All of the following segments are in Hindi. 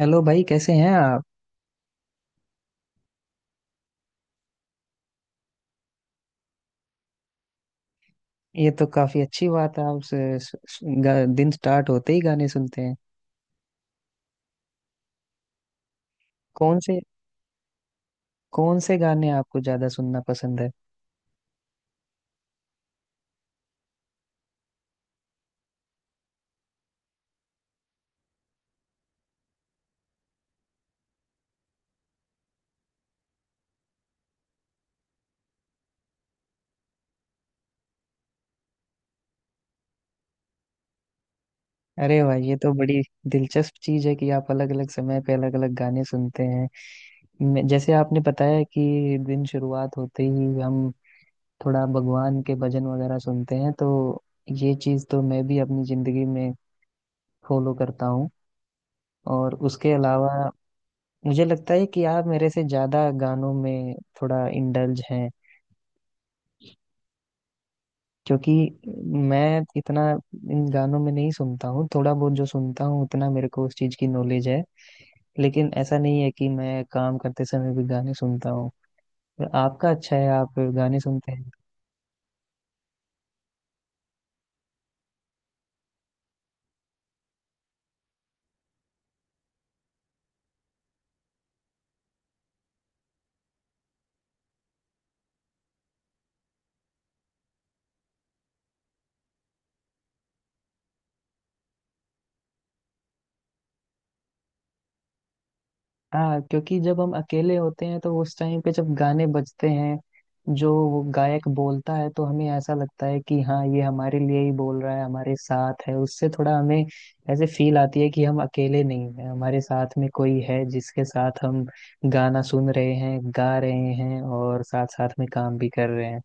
हेलो भाई, कैसे हैं आप। ये तो काफी अच्छी बात है। आप से- स- स- गा- दिन स्टार्ट होते ही गाने सुनते हैं। कौन से, कौन से गाने आपको ज्यादा सुनना पसंद है। अरे भाई, ये तो बड़ी दिलचस्प चीज है कि आप अलग अलग समय पे अलग अलग गाने सुनते हैं। जैसे आपने बताया कि दिन शुरुआत होते ही हम थोड़ा भगवान के भजन वगैरह सुनते हैं, तो ये चीज तो मैं भी अपनी जिंदगी में फॉलो करता हूँ। और उसके अलावा मुझे लगता है कि आप मेरे से ज्यादा गानों में थोड़ा इंडल्ज हैं, क्योंकि मैं इतना इन गानों में नहीं सुनता हूँ। थोड़ा बहुत जो सुनता हूँ, उतना मेरे को उस चीज की नॉलेज है, लेकिन ऐसा नहीं है कि मैं काम करते समय भी गाने सुनता हूँ। आपका अच्छा है, आप गाने सुनते हैं। हाँ, क्योंकि जब हम अकेले होते हैं तो उस टाइम पे जब गाने बजते हैं, जो वो गायक बोलता है तो हमें ऐसा लगता है कि हाँ, ये हमारे लिए ही बोल रहा है, हमारे साथ है। उससे थोड़ा हमें ऐसे फील आती है कि हम अकेले नहीं हैं, हमारे साथ में कोई है जिसके साथ हम गाना सुन रहे हैं, गा रहे हैं और साथ साथ में काम भी कर रहे हैं।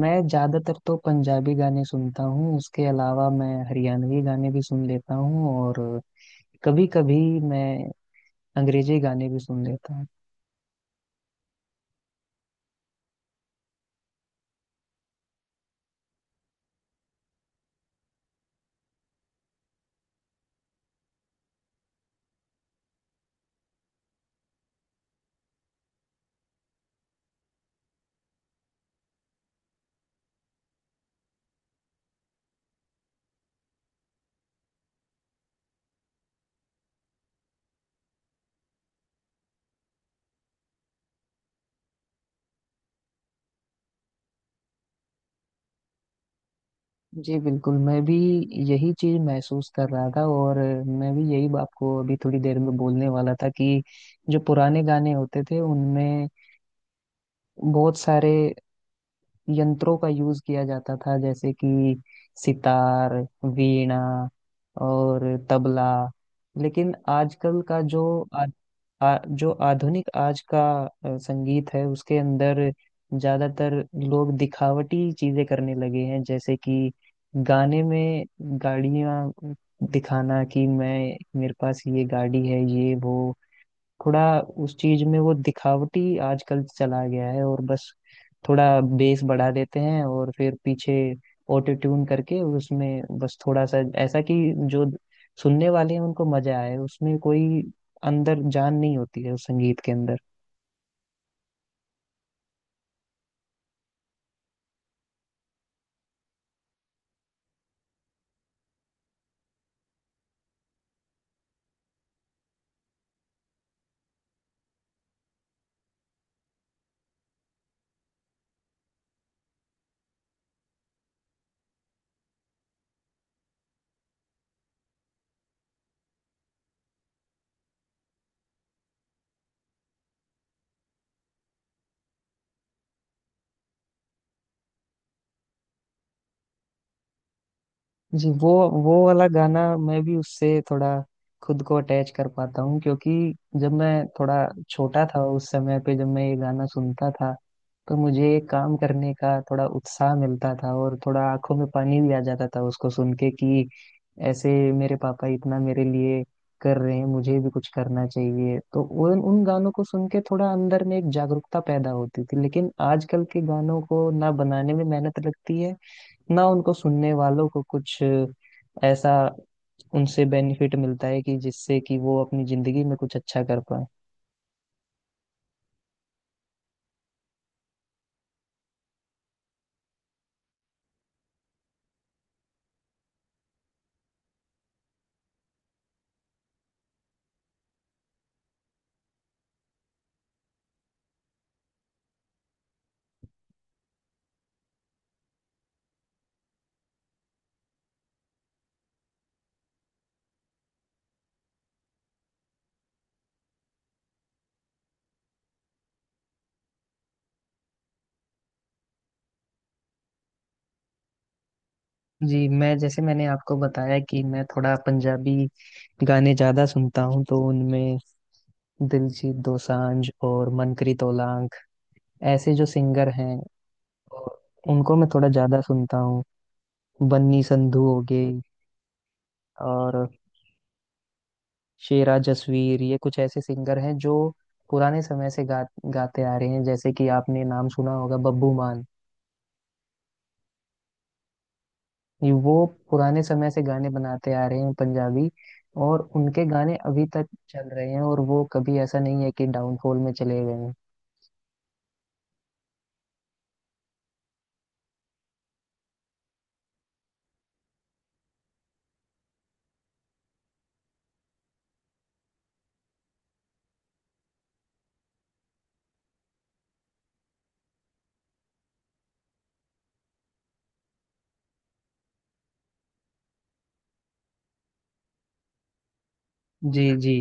मैं ज्यादातर तो पंजाबी गाने सुनता हूँ, उसके अलावा मैं हरियाणवी गाने भी सुन लेता हूँ, और कभी कभी मैं अंग्रेजी गाने भी सुन लेता हूँ। जी बिल्कुल, मैं भी यही चीज महसूस कर रहा था, और मैं भी यही आपको अभी थोड़ी देर में बोलने वाला था कि जो पुराने गाने होते थे उनमें बहुत सारे यंत्रों का यूज किया जाता था, जैसे कि सितार, वीणा और तबला। लेकिन आजकल का जो आ, आ, जो आधुनिक आज का संगीत है उसके अंदर ज्यादातर लोग दिखावटी चीजें करने लगे हैं, जैसे कि गाने में गाड़ियां दिखाना कि मैं, मेरे पास ये गाड़ी है, ये वो। थोड़ा उस चीज में वो दिखावटी आजकल चला गया है, और बस थोड़ा बेस बढ़ा देते हैं और फिर पीछे ऑटो ट्यून करके उसमें बस थोड़ा सा ऐसा कि जो सुनने वाले हैं उनको मजा आए। उसमें कोई अंदर जान नहीं होती है उस संगीत के अंदर। जी, वो वाला गाना मैं भी उससे थोड़ा खुद को अटैच कर पाता हूँ, क्योंकि जब मैं थोड़ा छोटा था, उस समय पे जब मैं ये गाना सुनता था तो मुझे काम करने का थोड़ा उत्साह मिलता था और थोड़ा आंखों में पानी भी आ जाता था उसको सुन के, कि ऐसे मेरे पापा इतना मेरे लिए कर रहे हैं, मुझे भी कुछ करना चाहिए। तो उन उन गानों को सुन के थोड़ा अंदर में एक जागरूकता पैदा होती थी। लेकिन आजकल के गानों को ना बनाने में मेहनत लगती है, ना उनको सुनने वालों को कुछ ऐसा उनसे बेनिफिट मिलता है कि जिससे कि वो अपनी जिंदगी में कुछ अच्छा कर पाए। जी, मैं जैसे मैंने आपको बताया कि मैं थोड़ा पंजाबी गाने ज्यादा सुनता हूँ, तो उनमें दिलजीत दोसांझ और मनकरी ओलांग ऐसे जो सिंगर हैं, और उनको मैं थोड़ा ज्यादा सुनता हूँ। बन्नी संधू हो गई, और शेरा जसवीर, ये कुछ ऐसे सिंगर हैं जो पुराने समय से गाते आ रहे हैं। जैसे कि आपने नाम सुना होगा बब्बू मान, ये वो पुराने समय से गाने बनाते आ रहे हैं पंजाबी, और उनके गाने अभी तक चल रहे हैं, और वो कभी ऐसा नहीं है कि डाउनफॉल में चले गए हैं। जी जी।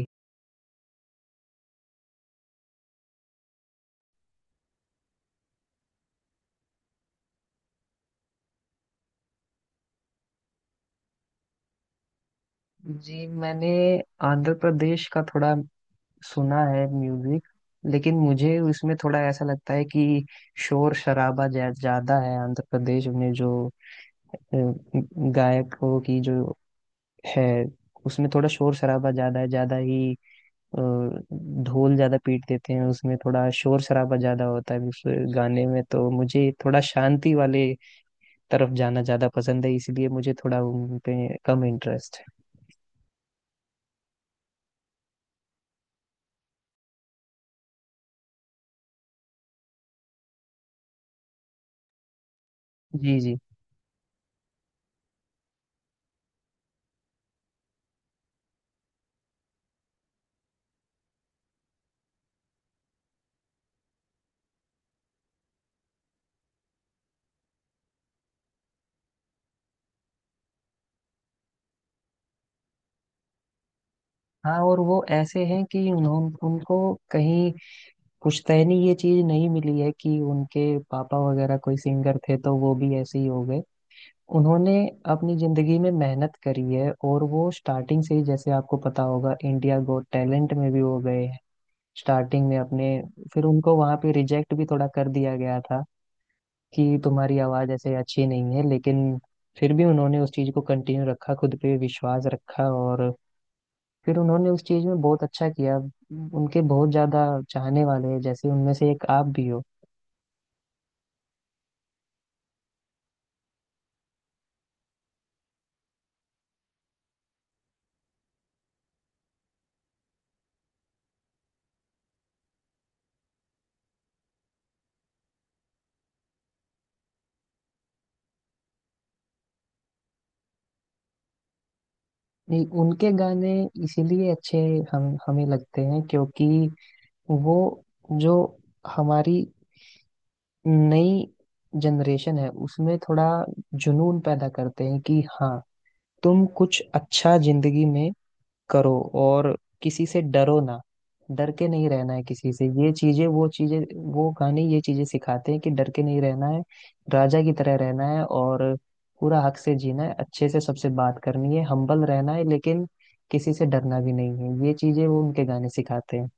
जी, मैंने आंध्र प्रदेश का थोड़ा सुना है म्यूजिक, लेकिन मुझे उसमें थोड़ा ऐसा लगता है कि शोर शराबा ज्यादा है। आंध्र प्रदेश में जो अ, गायकों की जो है, उसमें थोड़ा शोर शराबा ज्यादा है, ज्यादा ही। अ, ढोल ज्यादा पीट देते हैं, उसमें थोड़ा शोर शराबा ज्यादा होता है उस गाने में। तो मुझे थोड़ा शांति वाले तरफ जाना ज्यादा पसंद है, इसलिए मुझे थोड़ा उन पे कम इंटरेस्ट है। जी जी। हाँ, और वो ऐसे हैं कि उन्हों उनको कहीं पुश्तैनी ये चीज नहीं मिली है कि उनके पापा वगैरह कोई सिंगर थे तो वो भी ऐसे ही हो गए। उन्होंने अपनी जिंदगी में मेहनत करी है, और वो स्टार्टिंग से ही, जैसे आपको पता होगा, इंडिया गोट टैलेंट में भी वो गए हैं स्टार्टिंग में अपने। फिर उनको वहां पे रिजेक्ट भी थोड़ा कर दिया गया था कि तुम्हारी आवाज ऐसे अच्छी नहीं है, लेकिन फिर भी उन्होंने उस चीज को कंटिन्यू रखा, खुद पे विश्वास रखा, और फिर उन्होंने उस चीज में बहुत अच्छा किया। उनके बहुत ज्यादा चाहने वाले हैं, जैसे उनमें से एक आप भी हो। नहीं, उनके गाने इसीलिए अच्छे हम हमें लगते हैं, क्योंकि वो जो हमारी नई जनरेशन है उसमें थोड़ा जुनून पैदा करते हैं, कि हाँ, तुम कुछ अच्छा जिंदगी में करो, और किसी से डरो ना। डर के नहीं रहना है किसी से, ये चीजें, वो चीजें, वो गाने ये चीजें सिखाते हैं कि डर के नहीं रहना है, राजा की तरह रहना है, और पूरा हक से जीना है, अच्छे से सबसे बात करनी है, हम्बल रहना है, लेकिन किसी से डरना भी नहीं है। ये चीजें वो उनके गाने सिखाते हैं।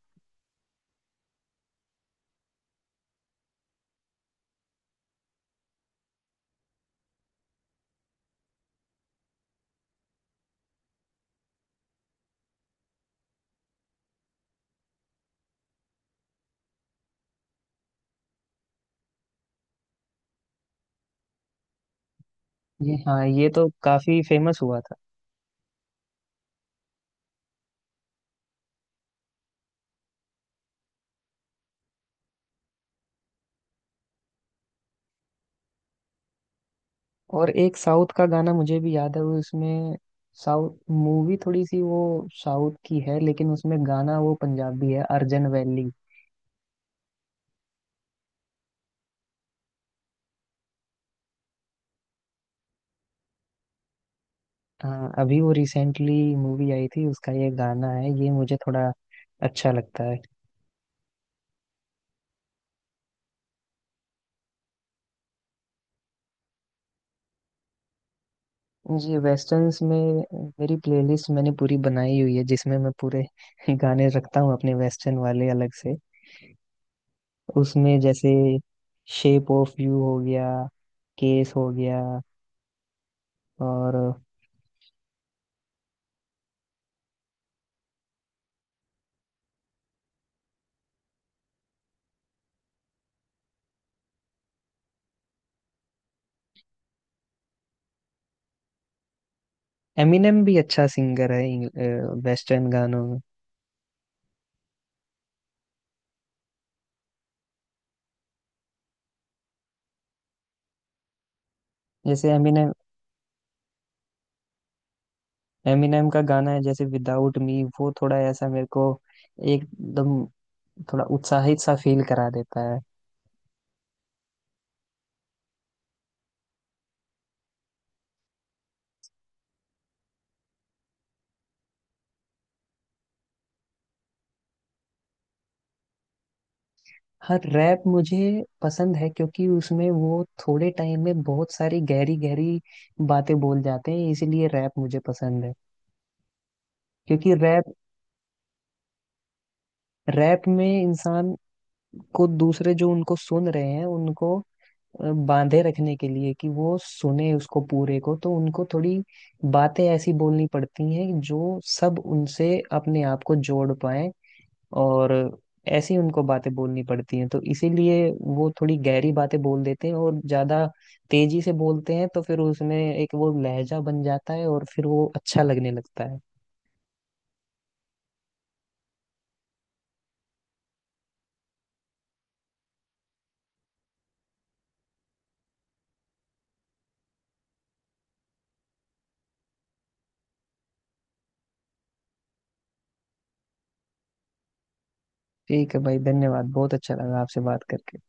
ये, हाँ, ये तो काफी फेमस हुआ था। और एक साउथ का गाना मुझे भी याद है, वो उसमें साउथ मूवी थोड़ी सी, वो साउथ की है, लेकिन उसमें गाना वो पंजाबी है, अर्जन वैली। हाँ, अभी वो रिसेंटली मूवी आई थी, उसका ये गाना है, ये मुझे थोड़ा अच्छा लगता है। ये वेस्टर्न्स में मेरी प्लेलिस्ट मैंने पूरी बनाई हुई है, जिसमें मैं पूरे गाने रखता हूँ अपने वेस्टर्न वाले अलग से। उसमें जैसे शेप ऑफ यू हो गया, केस हो गया, और एमिनेम भी अच्छा सिंगर है वेस्टर्न गानों में। जैसे एमिनेम, एमिनेम का गाना है जैसे विदाउट मी, वो थोड़ा ऐसा मेरे को एकदम थोड़ा उत्साहित सा फील करा देता है। हर रैप मुझे पसंद है, क्योंकि उसमें वो थोड़े टाइम में बहुत सारी गहरी गहरी बातें बोल जाते हैं, इसीलिए रैप मुझे पसंद है। क्योंकि रैप रैप में इंसान को, दूसरे जो उनको सुन रहे हैं उनको बांधे रखने के लिए कि वो सुने उसको पूरे को, तो उनको थोड़ी बातें ऐसी बोलनी पड़ती हैं जो सब उनसे अपने आप को जोड़ पाए। और ऐसी उनको बातें बोलनी पड़ती हैं, तो इसीलिए वो थोड़ी गहरी बातें बोल देते हैं और ज्यादा तेजी से बोलते हैं, तो फिर उसमें एक वो लहजा बन जाता है और फिर वो अच्छा लगने लगता है। ठीक है भाई, धन्यवाद, बहुत अच्छा लगा आपसे बात करके।